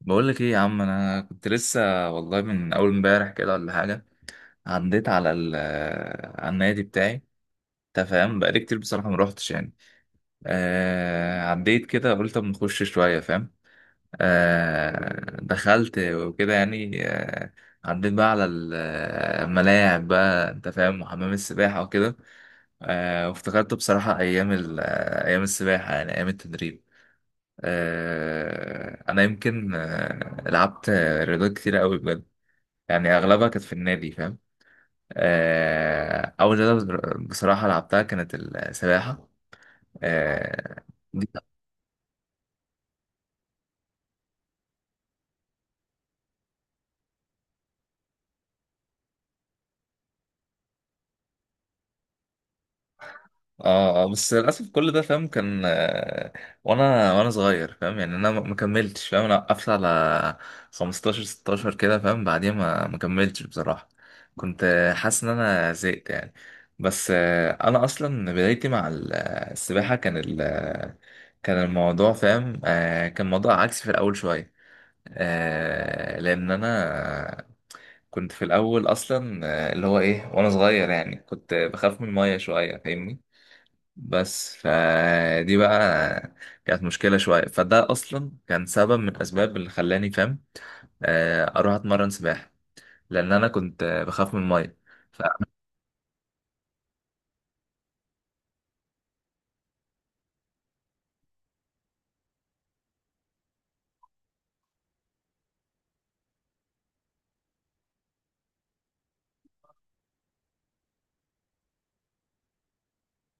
بقول لك ايه يا عم؟ انا كنت لسه والله من اول امبارح كده ولا حاجه. عديت على النادي بتاعي. انت فاهم؟ بقالي كتير بصراحه ما روحتش يعني. عديت كده، قلت اما اخش شويه فاهم. دخلت وكده يعني عديت بقى الملاعب بقى انت فاهم، وحمام السباحه وكده. وافتكرت بصراحه ايام السباحه، يعني ايام التدريب. انا يمكن لعبت رياضات كتير قوي بجد. يعني اغلبها كانت في النادي فاهم. اول رياضه بصراحه لعبتها كانت السباحه. اه. دي- اه، بس للاسف كل ده فاهم، كان وانا صغير فاهم. يعني انا ما كملتش فاهم. انا وقفت على 15 16 كده فاهم. بعديها ما كملتش بصراحه. كنت حاسس ان انا زهقت يعني. بس انا اصلا بدايتي السباحه كان الموضوع فاهم، كان موضوع عكسي في الاول شويه. لان انا كنت في الاول اصلا اللي هو ايه، وانا صغير يعني كنت بخاف من الميه شويه فاهمني. بس فدي بقى كانت مشكله شويه. فده اصلا كان سبب من الاسباب اللي خلاني فاهم اروح اتمرن سباحه. لان انا كنت بخاف من الميه. ف... آه,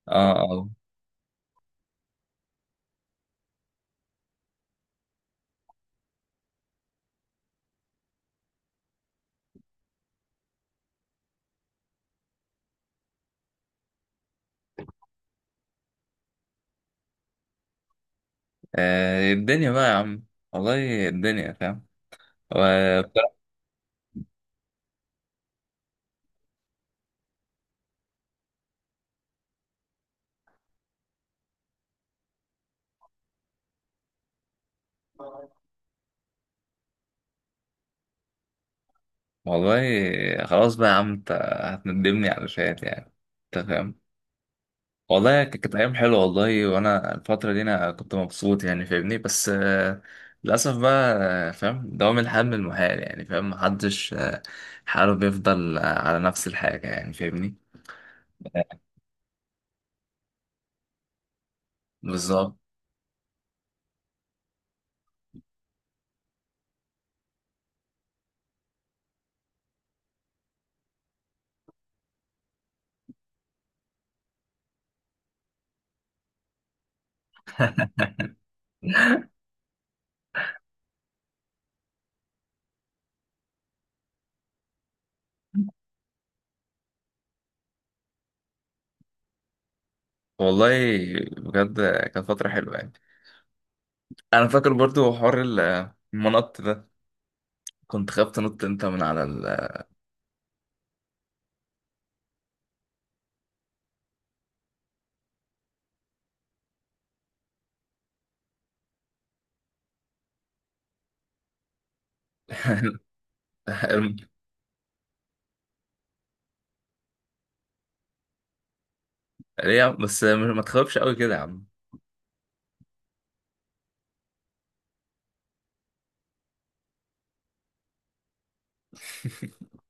اه. اه، الدنيا بقى يا عم. والله الدنيا فاهم. وبصراحة، والله، خلاص بقى يا عم. انت هتندمني على شوية يعني. انت فاهم؟ والله كانت أيام حلوة والله. وأنا الفترة دي أنا كنت مبسوط يعني فاهمني. بس للأسف بقى فاهم، دوام الحال من المحال يعني فاهم. محدش حاله بيفضل على نفس الحاجة يعني فاهمني. بالظبط. والله بجد كانت فترة حلوة يعني. أنا فاكر برضو حوار المنط ده كنت خايف تنط أنت من على ال. الم- ليه يا عم؟ بس ما تخافش قوي كده يا عم.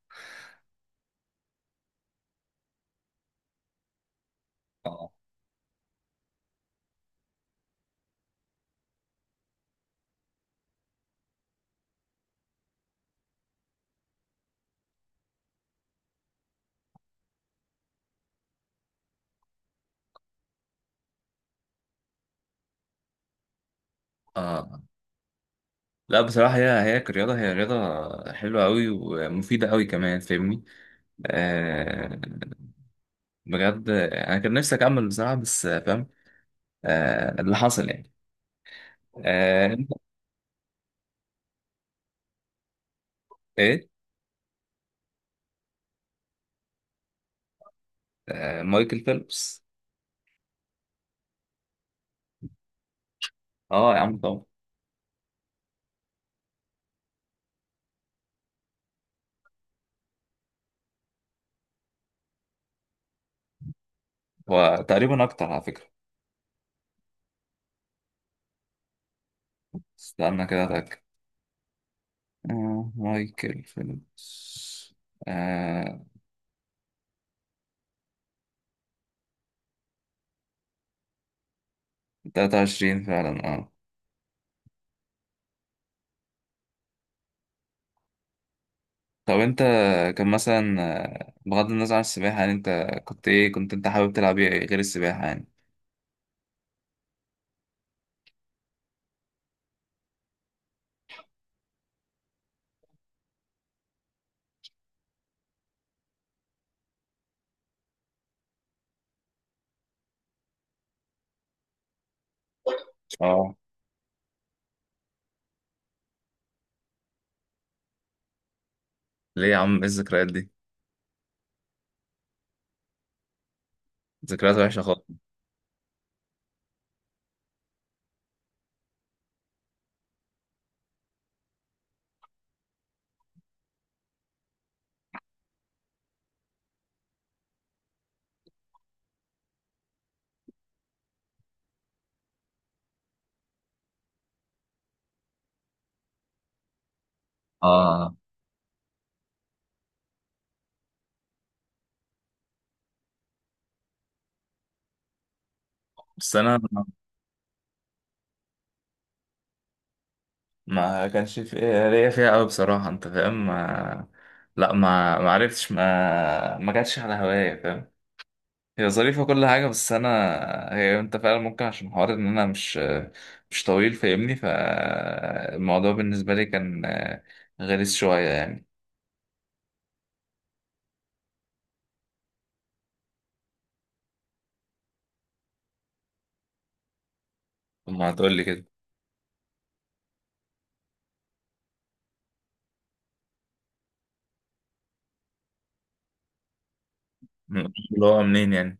اه اه. لا بصراحة، هي كرياضة، هي رياضة حلوة أوي، ومفيدة أوي كمان فاهمني. آه. بجد أنا كان نفسي أكمل بصراحة، بس فاهم اللي حصل يعني. أنت إيه. آه، مايكل فيلبس. أه يا عم طبعا. هو تقريبا أكتر على فكرة. استنى كده أتأكد. آه، مايكل فيلبس. آه. 23 فعلا أه. طب أنت، كان مثلا بغض النظر عن السباحة يعني، أنت كنت إيه؟ كنت أنت حابب تلعب إيه غير السباحة يعني؟ اه. ليه يا عم؟ ايه الذكريات دي؟ ذكريات وحشه خالص. اه. بس انا ما كانش في ليا فيها قوي بصراحه انت فاهم، ما... لا ما عرفتش، ما جاتش على هوايا فاهم. هي ظريفه كل حاجه، بس انا هي انت فعلا ممكن عشان حوار ان انا مش طويل فاهمني. فالموضوع بالنسبه لي كان غلس شويه يعني. طب ما هتقول لي كده. اللي هو منين يعني؟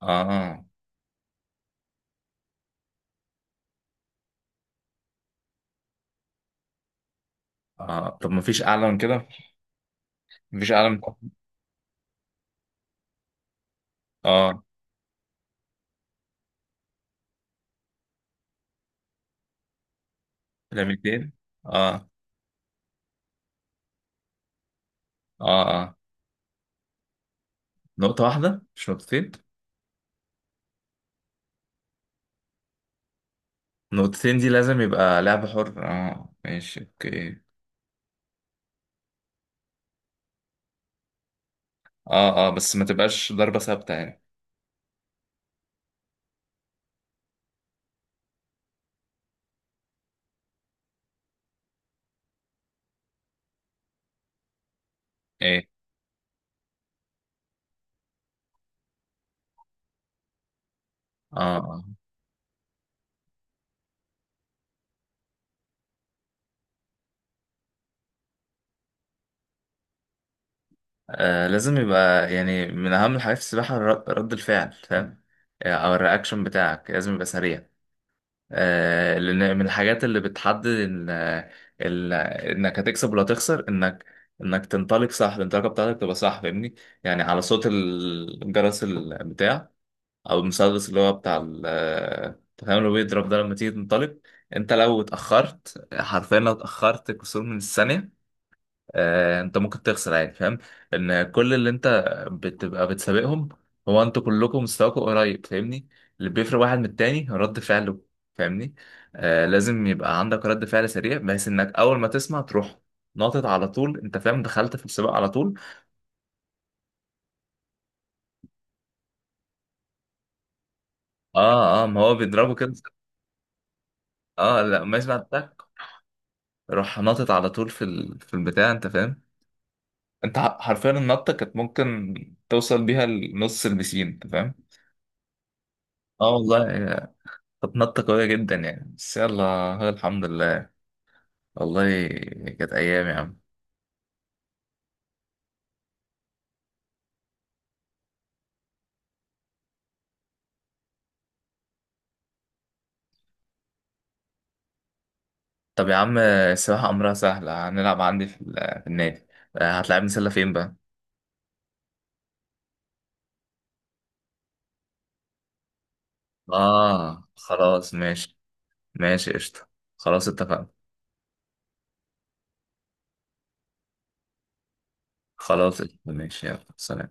اه اه. طب ما فيش اعلى من كده؟ مفيش اعلى من. اه. لميتين. اه اه. نقطة واحدة مش نقطتين؟ نقطتين دي لازم يبقى لعب حر. اه ماشي اوكي. اه اه. بس ما تبقاش ضربة ثابتة يعني. ايه. اه اه، لازم يبقى يعني من أهم الحاجات في السباحة رد الفعل فاهم. أو الرياكشن بتاعك لازم يبقى سريع. لأن من الحاجات اللي بتحدد إن ال- إنك هتكسب ولا تخسر. إنك تنطلق صح، الانطلاقة بتاعتك تبقى صح فاهمني. يعني على صوت الجرس البتاع، او المسدس اللي هو بتاع ال أنت فاهم، اللي هو بيضرب ده لما تيجي تنطلق. انت لو اتاخرت، حرفيا لو اتاخرت كسور من الثانيه، انت ممكن تخسر عادي فاهم. ان كل اللي انت بتبقى بتسابقهم، هو انتوا كلكم مستواكم قريب فاهمني. اللي بيفرق واحد من التاني هو رد فعله فاهمني. لازم يبقى عندك رد فعل سريع، بحيث انك اول ما تسمع تروح ناطط على طول انت فاهم، دخلت في السباق على طول. اه اه، ما هو بيضربه كده. اه لا، ما يسمع التك راح ناطط على طول في ال... في البتاع انت فاهم. انت حرفيا النطه كانت ممكن توصل بيها لنص البسين انت فاهم. اه والله، هي كانت نطه قويه جدا يعني. بس يلا، هو الحمد لله. والله كانت ايام يا عم. طب يا عم السباحه امرها سهله، هنلعب عندي في ال... في النادي. هتلعبني سله فين بقى؟ اه خلاص ماشي. ماشي قشطه. خلاص اتفقنا. خلاص قشطة. ماشي يلا سلام.